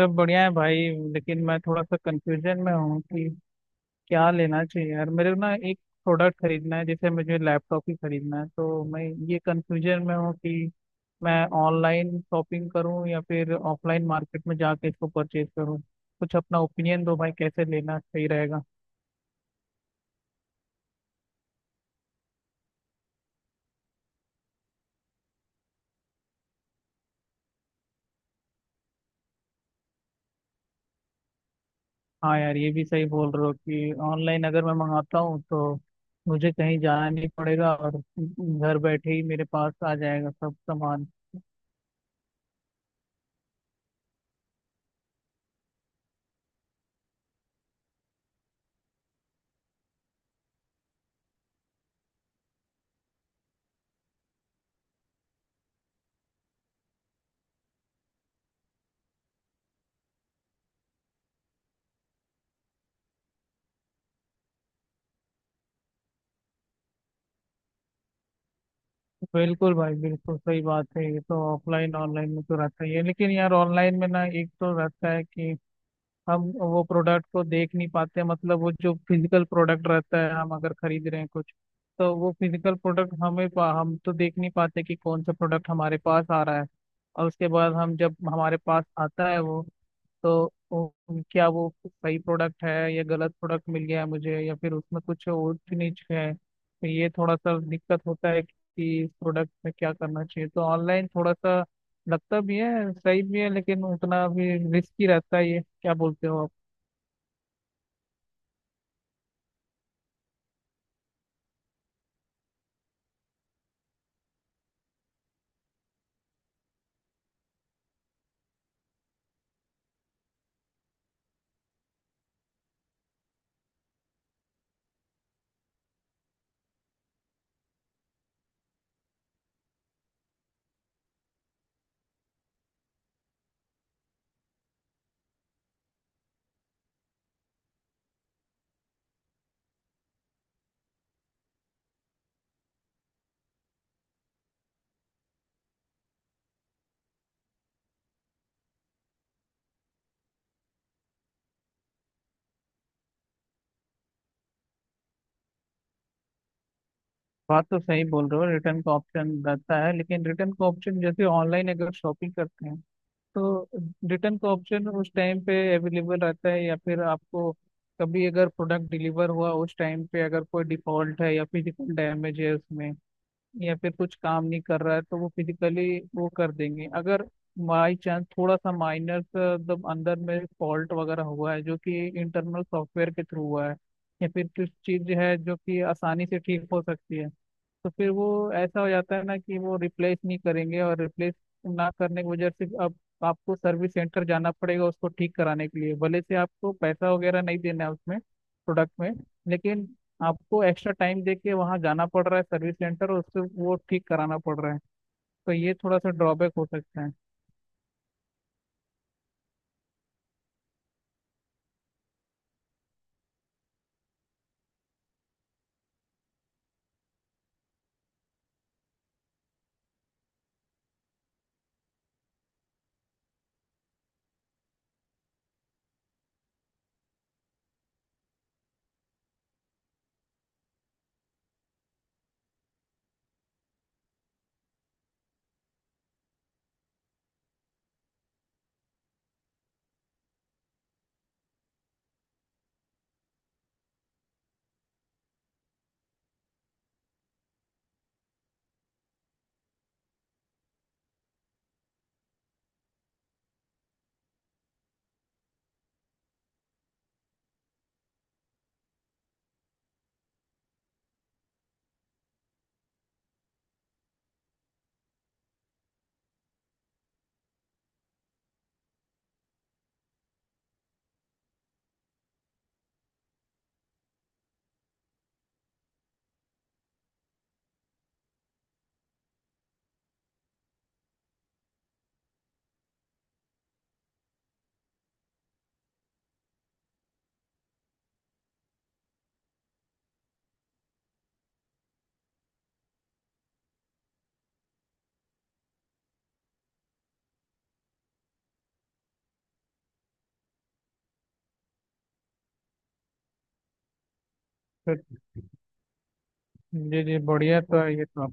सब बढ़िया है भाई। लेकिन मैं थोड़ा सा कंफ्यूजन में हूँ कि क्या लेना चाहिए यार, मेरे को ना एक प्रोडक्ट खरीदना है। जैसे मुझे लैपटॉप ही खरीदना है तो मैं ये कंफ्यूजन में हूँ कि मैं ऑनलाइन शॉपिंग करूँ या फिर ऑफलाइन मार्केट में जाके इसको परचेज करूँ। कुछ अपना ओपिनियन दो भाई, कैसे लेना सही रहेगा। हाँ यार, ये भी सही बोल रहे हो कि ऑनलाइन अगर मैं मंगाता हूँ तो मुझे कहीं जाना नहीं पड़ेगा और घर बैठे ही मेरे पास आ जाएगा सब सामान। बिल्कुल भाई, बिल्कुल सही बात है। ये तो ऑफलाइन ऑनलाइन में तो रहता ही है लेकिन यार, ऑनलाइन में ना एक तो रहता है कि हम वो प्रोडक्ट को देख नहीं पाते, मतलब वो जो फिजिकल प्रोडक्ट रहता है हम अगर खरीद रहे हैं कुछ तो वो फिजिकल प्रोडक्ट हमें हम तो देख नहीं पाते कि कौन सा प्रोडक्ट हमारे पास आ रहा है। और उसके बाद हम जब हमारे पास आता है वो, तो क्या वो सही प्रोडक्ट है या गलत प्रोडक्ट मिल गया है मुझे या फिर उसमें कुछ ऊंच नीच है, तो ये थोड़ा सा दिक्कत होता है कि इस प्रोडक्ट में क्या करना चाहिए। तो ऑनलाइन थोड़ा सा लगता भी है, सही भी है, लेकिन उतना भी रिस्की रहता है। ये क्या बोलते हो आप? बात तो सही बोल रहे हो, रिटर्न का ऑप्शन रहता है, लेकिन रिटर्न का ऑप्शन जैसे ऑनलाइन अगर शॉपिंग करते हैं तो रिटर्न का ऑप्शन उस टाइम पे अवेलेबल रहता है या फिर आपको कभी अगर प्रोडक्ट डिलीवर हुआ उस टाइम पे अगर कोई डिफॉल्ट है या फिजिकल डैमेज है उसमें या फिर कुछ काम नहीं कर रहा है, तो वो फिजिकली वो कर देंगे। अगर बाई चांस थोड़ा सा माइनर मतलब अंदर में फॉल्ट वगैरह हुआ है जो कि इंटरनल सॉफ्टवेयर के थ्रू हुआ है या फिर कुछ चीज है जो कि आसानी से ठीक हो सकती है, तो फिर वो ऐसा हो जाता है ना कि वो रिप्लेस नहीं करेंगे, और रिप्लेस ना करने की वजह से अब आपको सर्विस सेंटर जाना पड़ेगा उसको ठीक कराने के लिए। भले से आपको पैसा वगैरह नहीं देना है उसमें प्रोडक्ट में, लेकिन आपको एक्स्ट्रा टाइम दे के वहाँ जाना पड़ रहा है सर्विस सेंटर और उससे वो ठीक कराना पड़ रहा है। तो ये थोड़ा सा ड्रॉबैक हो सकता है। फिर जी जी, बढ़िया तो है ये तो।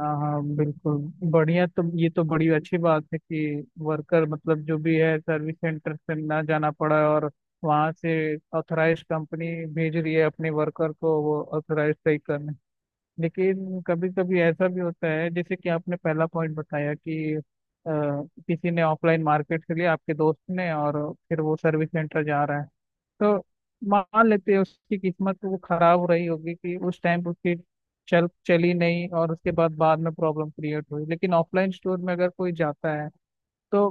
हाँ हाँ बिल्कुल। बढ़िया तो, ये तो बड़ी अच्छी बात है कि वर्कर मतलब जो भी है सर्विस सेंटर से ना जाना पड़ा है और वहाँ से ऑथराइज कंपनी भेज रही है अपने वर्कर को वो ऑथराइज सही करने। लेकिन कभी कभी ऐसा भी होता है जैसे कि आपने पहला पॉइंट बताया कि किसी ने ऑफलाइन मार्केट के लिए आपके दोस्त ने और फिर वो सर्विस सेंटर जा रहा है। तो मान लेते हैं उसकी किस्मत तो वो खराब रही होगी कि उस टाइम पे उसकी चल चली नहीं, और उसके बाद बाद में प्रॉब्लम क्रिएट हुई, लेकिन ऑफलाइन स्टोर में अगर कोई जाता है तो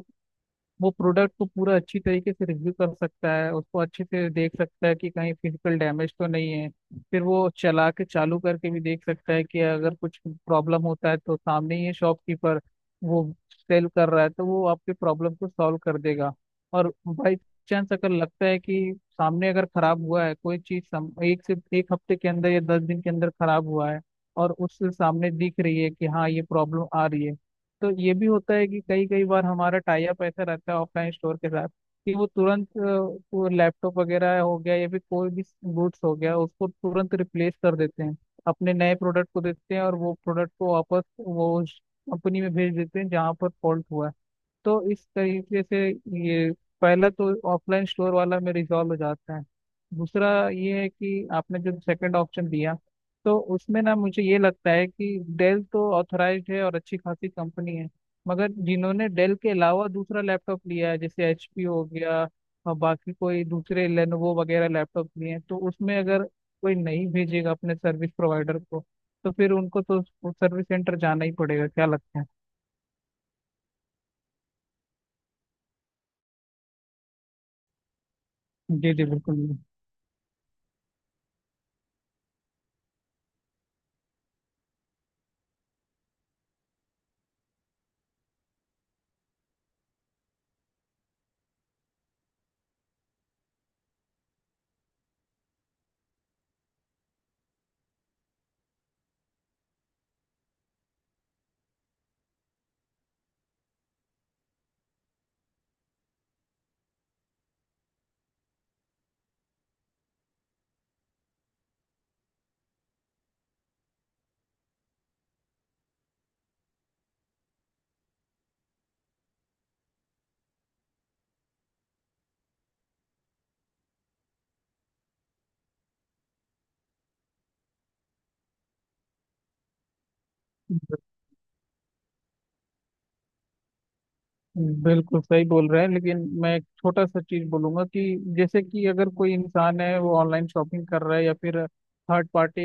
वो प्रोडक्ट को पूरा अच्छी तरीके से रिव्यू कर सकता है, उसको अच्छे से देख सकता है कि कहीं फिजिकल डैमेज तो नहीं है। फिर वो चला के चालू करके भी देख सकता है कि अगर कुछ प्रॉब्लम होता है तो सामने ही है शॉपकीपर, वो सेल कर रहा है तो वो आपके प्रॉब्लम को सॉल्व कर देगा। और बाई चांस अगर लगता है कि सामने अगर खराब हुआ है कोई चीज, एक से 1 हफ्ते के अंदर या 10 दिन के अंदर खराब हुआ है, और उससे सामने दिख रही है कि हाँ ये प्रॉब्लम आ रही है, तो ये भी होता है कि कई कई बार हमारा टाई अप ऐसा रहता है ऑफलाइन स्टोर के साथ कि वो तुरंत वो लैपटॉप वगैरह हो गया या फिर कोई भी गुड्स हो गया, उसको तुरंत रिप्लेस कर देते हैं, अपने नए प्रोडक्ट को देते हैं और वो प्रोडक्ट को वापस वो कंपनी में भेज देते हैं जहाँ पर फॉल्ट हुआ है। तो इस तरीके से ये, पहला तो ऑफलाइन स्टोर वाला में रिजॉल्व हो जाता है। दूसरा ये है कि आपने जो सेकंड ऑप्शन दिया, तो उसमें ना मुझे ये लगता है कि डेल तो ऑथराइज्ड है और अच्छी खासी कंपनी है, मगर जिन्होंने डेल के अलावा दूसरा लैपटॉप लिया है, जैसे एचपी हो गया और बाकी कोई दूसरे लेनोवो वगैरह लैपटॉप लिए हैं, तो उसमें अगर कोई नहीं भेजेगा अपने सर्विस प्रोवाइडर को, तो फिर उनको तो सर्विस सेंटर जाना ही पड़ेगा। क्या लगता है? जी जी बिल्कुल, बिल्कुल सही बोल रहे हैं। लेकिन मैं एक छोटा सा चीज बोलूंगा कि जैसे कि अगर कोई इंसान है वो ऑनलाइन शॉपिंग कर रहा है या फिर थर्ड पार्टी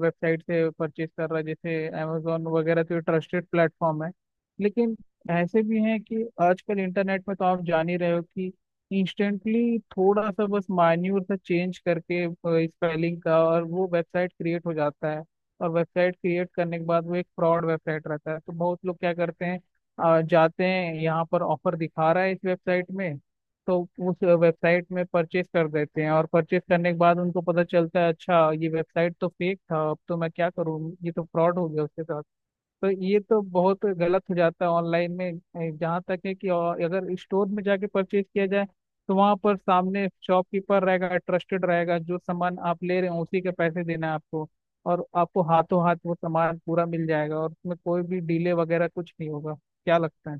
वेबसाइट से परचेज कर रहा है, जैसे अमेजोन वगैरह तो ट्रस्टेड प्लेटफॉर्म है, लेकिन ऐसे भी हैं कि आजकल इंटरनेट में तो आप जान ही रहे हो कि इंस्टेंटली थोड़ा सा बस मान्यूर सा चेंज करके, स्पेलिंग का, और वो वेबसाइट क्रिएट हो जाता है। और वेबसाइट क्रिएट करने के बाद वो एक फ्रॉड वेबसाइट रहता है, तो बहुत लोग क्या करते हैं, जाते हैं यहाँ पर, ऑफर दिखा रहा है इस वेबसाइट में, तो उस वेबसाइट में परचेस कर देते हैं, और परचेस करने के बाद उनको पता चलता है अच्छा ये वेबसाइट तो फेक था, अब तो मैं क्या करूँ, ये तो फ्रॉड हो गया उसके साथ। तो ये तो बहुत गलत हो जाता है ऑनलाइन में। जहाँ तक है कि, और अगर स्टोर में जाके परचेज किया जाए तो वहाँ पर सामने शॉपकीपर रहेगा, ट्रस्टेड रहेगा, जो सामान आप ले रहे हो उसी के पैसे देना है आपको, और आपको हाथों हाथ वो सामान पूरा मिल जाएगा और उसमें कोई भी डिले वगैरह कुछ नहीं होगा। क्या लगता है?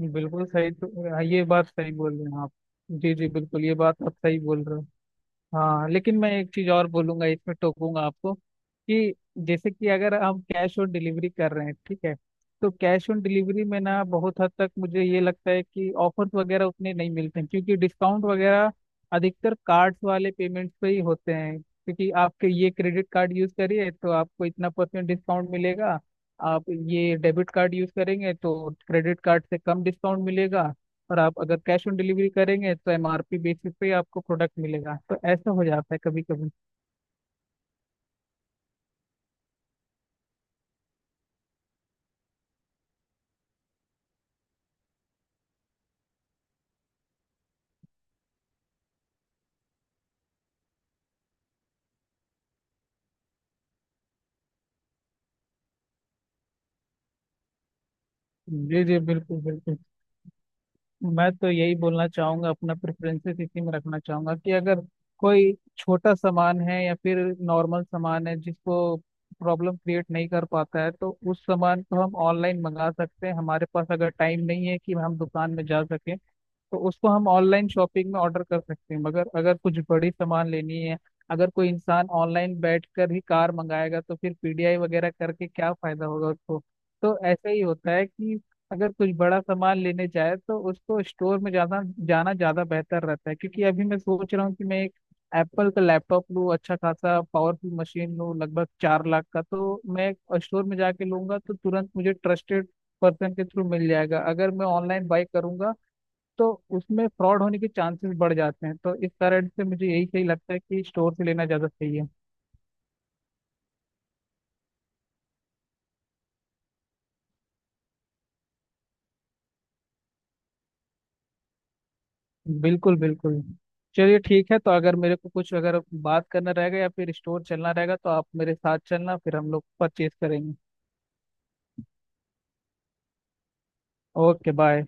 बिल्कुल सही तो। हाँ, ये बात सही बोल रहे हैं आप। जी जी बिल्कुल, ये बात आप सही बोल रहे हो। हाँ लेकिन मैं एक चीज और बोलूंगा, इसमें टोकूंगा आपको कि जैसे कि अगर हम कैश ऑन डिलीवरी कर रहे हैं, ठीक है, तो कैश ऑन डिलीवरी में ना बहुत हद तक मुझे ये लगता है कि ऑफर्स वगैरह उतने नहीं मिलते हैं, क्योंकि डिस्काउंट वगैरह अधिकतर कार्ड्स वाले पेमेंट्स पे ही होते हैं। क्योंकि आपके ये क्रेडिट कार्ड यूज करिए तो आपको इतना परसेंट डिस्काउंट मिलेगा, आप ये डेबिट कार्ड यूज करेंगे तो क्रेडिट कार्ड से कम डिस्काउंट मिलेगा, और आप अगर कैश ऑन डिलीवरी करेंगे तो एमआरपी बेसिस पे ही आपको प्रोडक्ट मिलेगा। तो ऐसा हो जाता है कभी कभी। जी जी बिल्कुल बिल्कुल। मैं तो यही बोलना चाहूंगा, अपना प्रेफरेंसेस इसी में रखना चाहूंगा कि अगर कोई छोटा सामान है या फिर नॉर्मल सामान है जिसको प्रॉब्लम क्रिएट नहीं कर पाता है, तो उस सामान को हम ऑनलाइन मंगा सकते हैं, हमारे पास अगर टाइम नहीं है कि हम दुकान में जा सकें, तो उसको हम ऑनलाइन शॉपिंग में ऑर्डर कर सकते हैं। मगर अगर कुछ बड़ी सामान लेनी है, अगर कोई इंसान ऑनलाइन बैठकर ही कार मंगाएगा तो फिर पीडीआई वगैरह करके क्या फायदा होगा उसको। तो ऐसा ही होता है कि अगर कुछ बड़ा सामान लेने जाए तो उसको स्टोर में जाना जाना ज्यादा बेहतर रहता है, क्योंकि अभी मैं सोच रहा हूँ कि मैं एक एप्पल का लैपटॉप लूँ, अच्छा खासा पावरफुल मशीन लूँ, लगभग 4 लाख का, तो मैं स्टोर में जाके लूंगा तो तुरंत मुझे ट्रस्टेड पर्सन के थ्रू मिल जाएगा। अगर मैं ऑनलाइन बाई करूंगा तो उसमें फ्रॉड होने के चांसेस बढ़ जाते हैं, तो इस कारण से मुझे यही सही लगता है कि स्टोर से लेना ज़्यादा सही है। बिल्कुल बिल्कुल। चलिए ठीक है, तो अगर मेरे को कुछ अगर बात करना रहेगा या फिर स्टोर चलना रहेगा तो आप मेरे साथ चलना, फिर हम लोग परचेज करेंगे। Okay bye.